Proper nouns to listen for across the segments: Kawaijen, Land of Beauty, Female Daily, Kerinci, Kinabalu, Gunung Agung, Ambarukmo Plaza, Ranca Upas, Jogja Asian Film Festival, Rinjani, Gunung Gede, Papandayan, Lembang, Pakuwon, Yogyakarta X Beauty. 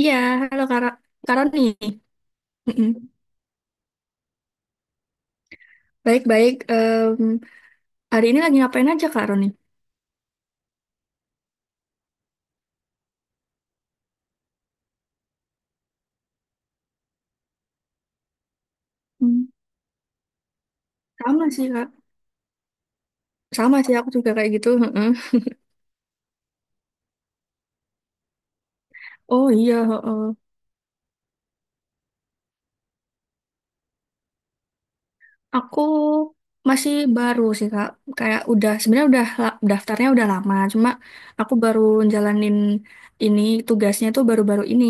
Iya, halo Kak Roni. Mm-mm. Baik-baik. Hari ini lagi ngapain aja Kak Roni? Hmm. Sama sih Kak. Sama sih aku juga kayak gitu, heeh. Oh iya, heeh. Aku masih baru sih Kak. Kayak udah sebenarnya daftarnya udah lama. Cuma aku baru jalanin ini, tugasnya tuh baru-baru ini.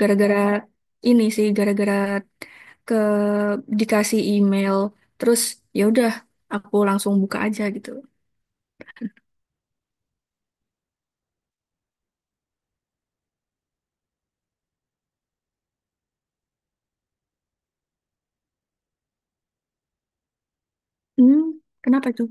Gara-gara ini sih, gara-gara ke dikasih email. Terus ya udah, aku langsung buka aja gitu. Hmm, kenapa itu?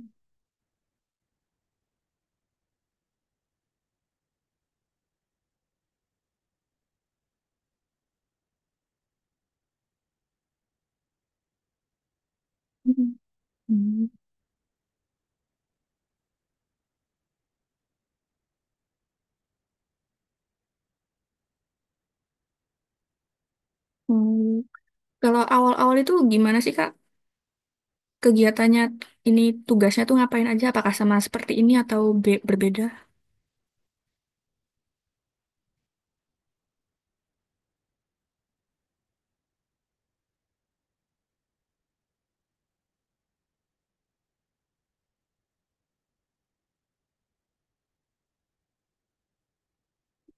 Hmm. Hmm. Hmm. Kalau awal-awal itu gimana sih Kak? Kegiatannya ini, tugasnya tuh ngapain aja? Apakah sama seperti ini atau berbeda?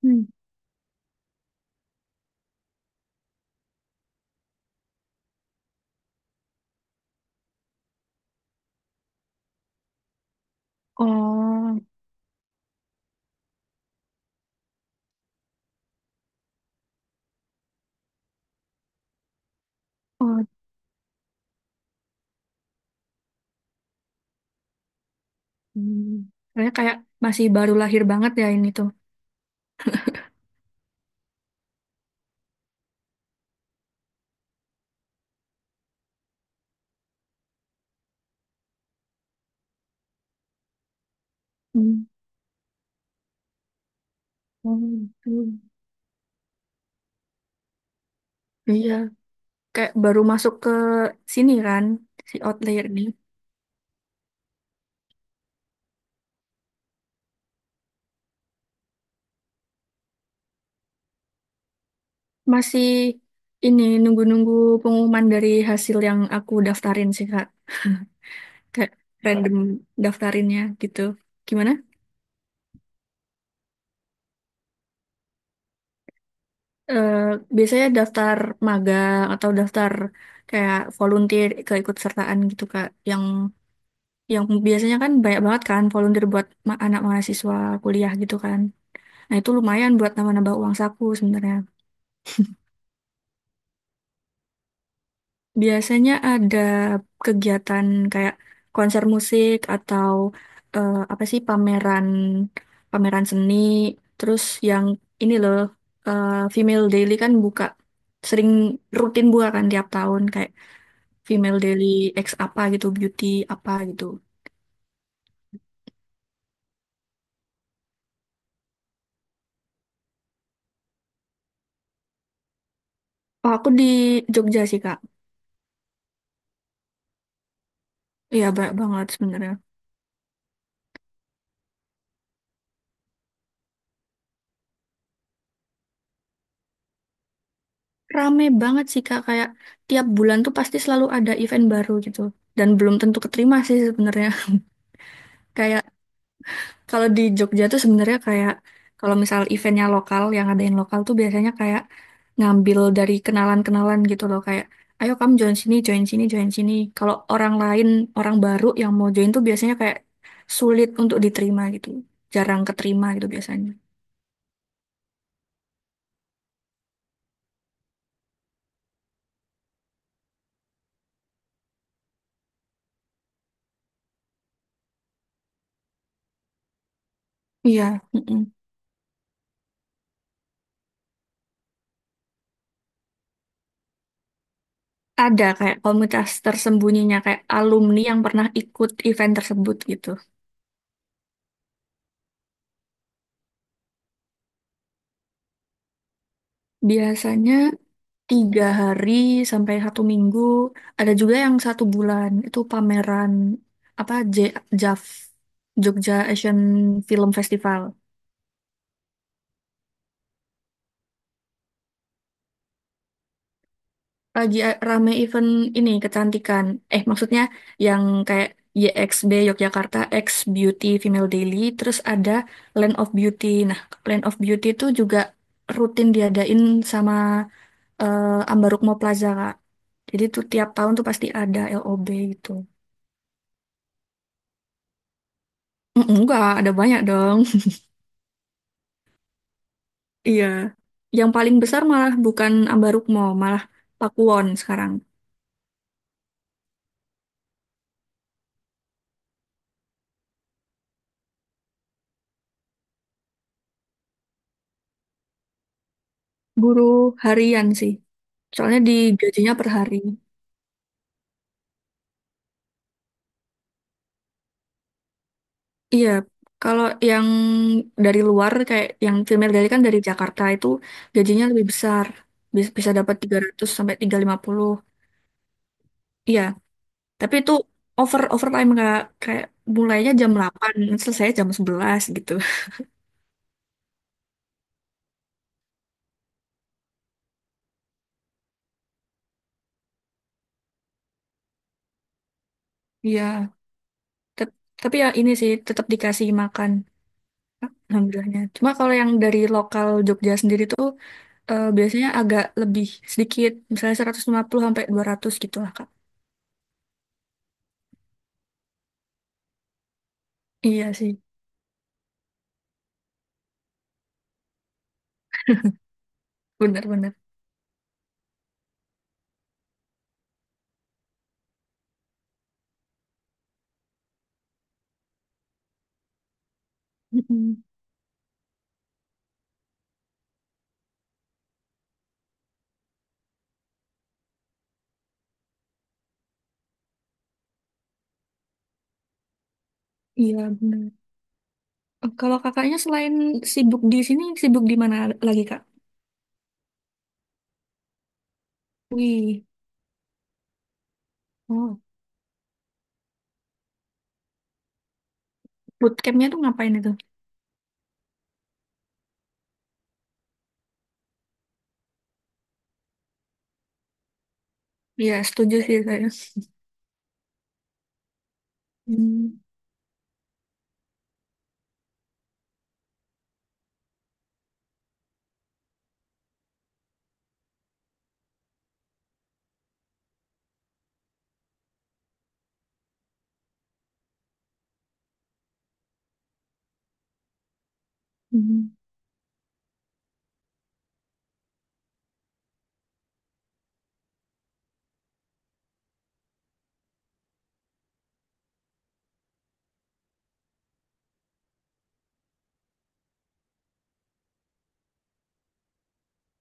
Hmm. Oh, oh. Hmm. Soalnya kayak masih baru lahir banget ya ini tuh. Hmm. Oh, gitu. Iya, kayak baru masuk ke sini kan, si outlier ini. Masih ini, nunggu-nunggu pengumuman dari hasil yang aku daftarin sih Kak. Kayak random daftarinnya gitu. Gimana eh, biasanya daftar magang atau daftar kayak volunteer keikutsertaan gitu Kak. Yang biasanya kan banyak banget kan volunteer buat anak mahasiswa kuliah gitu kan. Nah, itu lumayan buat nambah-nambah uang saku sebenarnya. Biasanya ada kegiatan kayak konser musik atau apa sih, pameran pameran seni, terus yang ini loh, eh, Female Daily kan buka, sering rutin buka kan tiap tahun, kayak Female Daily X apa gitu, beauty apa gitu. Oh, aku di Jogja sih, Kak. Iya, banyak banget sebenarnya. Rame banget sih, Kak. Kayak tiap bulan tuh pasti selalu ada event baru gitu. Dan belum tentu keterima sih sebenarnya. Kayak kalau di Jogja tuh sebenarnya kayak, kalau misal eventnya lokal, yang ngadain lokal tuh biasanya kayak ngambil dari kenalan-kenalan gitu loh, kayak ayo kamu join sini, join sini, join sini. Kalau orang lain, orang baru yang mau join tuh biasanya kayak sulit untuk diterima gitu. Jarang keterima gitu biasanya. Iya, mm-mm. Ada kayak komunitas tersembunyinya kayak alumni yang pernah ikut event tersebut gitu. Biasanya tiga hari sampai satu minggu. Ada juga yang satu bulan. Itu pameran apa, JAF, Jogja Asian Film Festival. Lagi rame event ini kecantikan. Eh, maksudnya yang kayak YXB, Yogyakarta X Beauty Female Daily. Terus ada Land of Beauty. Nah, Land of Beauty itu juga rutin diadain sama Ambarukmo Plaza Kak. Jadi tuh tiap tahun tuh pasti ada LOB gitu. Mm, enggak, ada banyak dong. Iya, yang paling besar malah bukan Ambarukmo, malah Pakuwon sekarang. Buruh harian sih, soalnya digajinya per hari. Iya, kalau yang dari luar kayak yang female, dari kan dari Jakarta itu gajinya lebih besar. Bisa dapat 300 sampai 350. Iya, tapi itu over, overtime nggak, kayak mulainya jam 8, selesai jam 11 gitu. Iya, tep- tapi ya ini sih tetap dikasih makan. Alhamdulillahnya. Cuma kalau yang dari lokal Jogja sendiri tuh, biasanya agak lebih sedikit, misalnya 150 sampai 200 gitu lah, Kak. Iya sih, benar-benar. Mm-mm. Iya, benar. Eh, kalau kakaknya selain sibuk di sini, sibuk di mana lagi, Kak? Wih, oh, bootcampnya tuh ngapain itu? Iya, setuju sih saya. Hmm, hmm,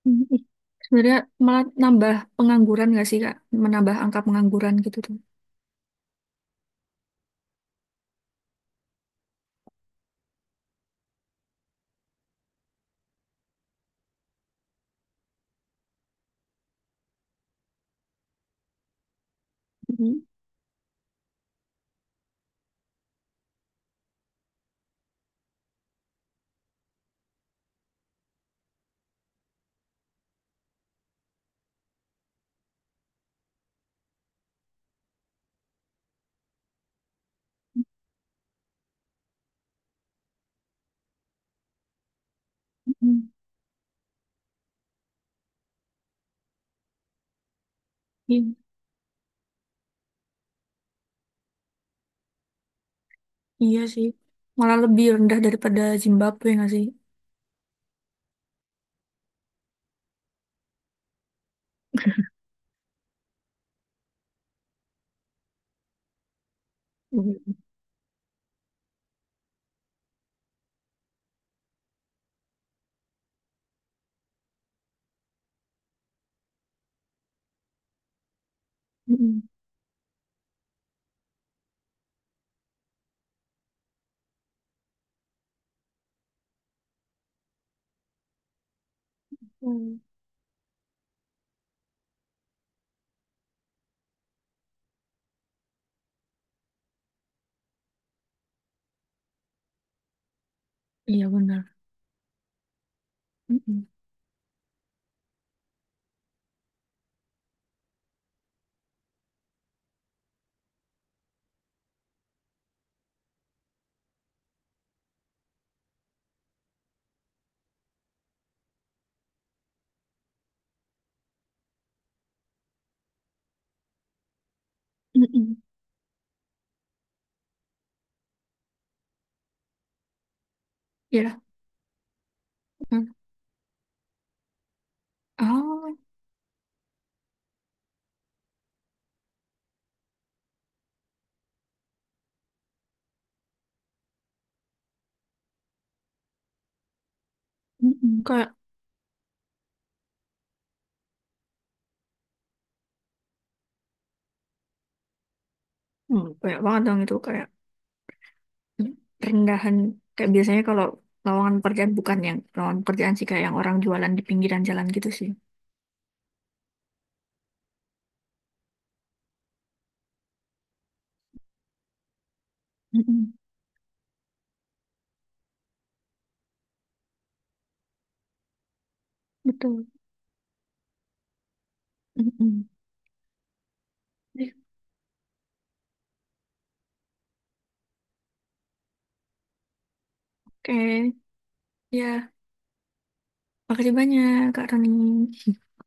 hmm. Ih, sebenarnya malah nambah pengangguran nggak sih, Kak? Menambah angka pengangguran gitu tuh. Hmm, hmm. Iya sih. Malah lebih rendah daripada Zimbabwe nggak sih? Mhm. Mm-mm. Hmm. Iya benar. Mm-mm. Mm-mm. Iya. Mm. Oh, mm-mm. Kayak hmm, banyak banget dong itu kayak mm, rendahan. Kayak biasanya kalau lowongan pekerjaan, bukan yang lowongan pekerjaan sih, kayak yang orang jualan di pinggiran jalan gitu sih. Mm-mm. Betul. Mm-mm. Oke, ya makasih banyak Kak Rani.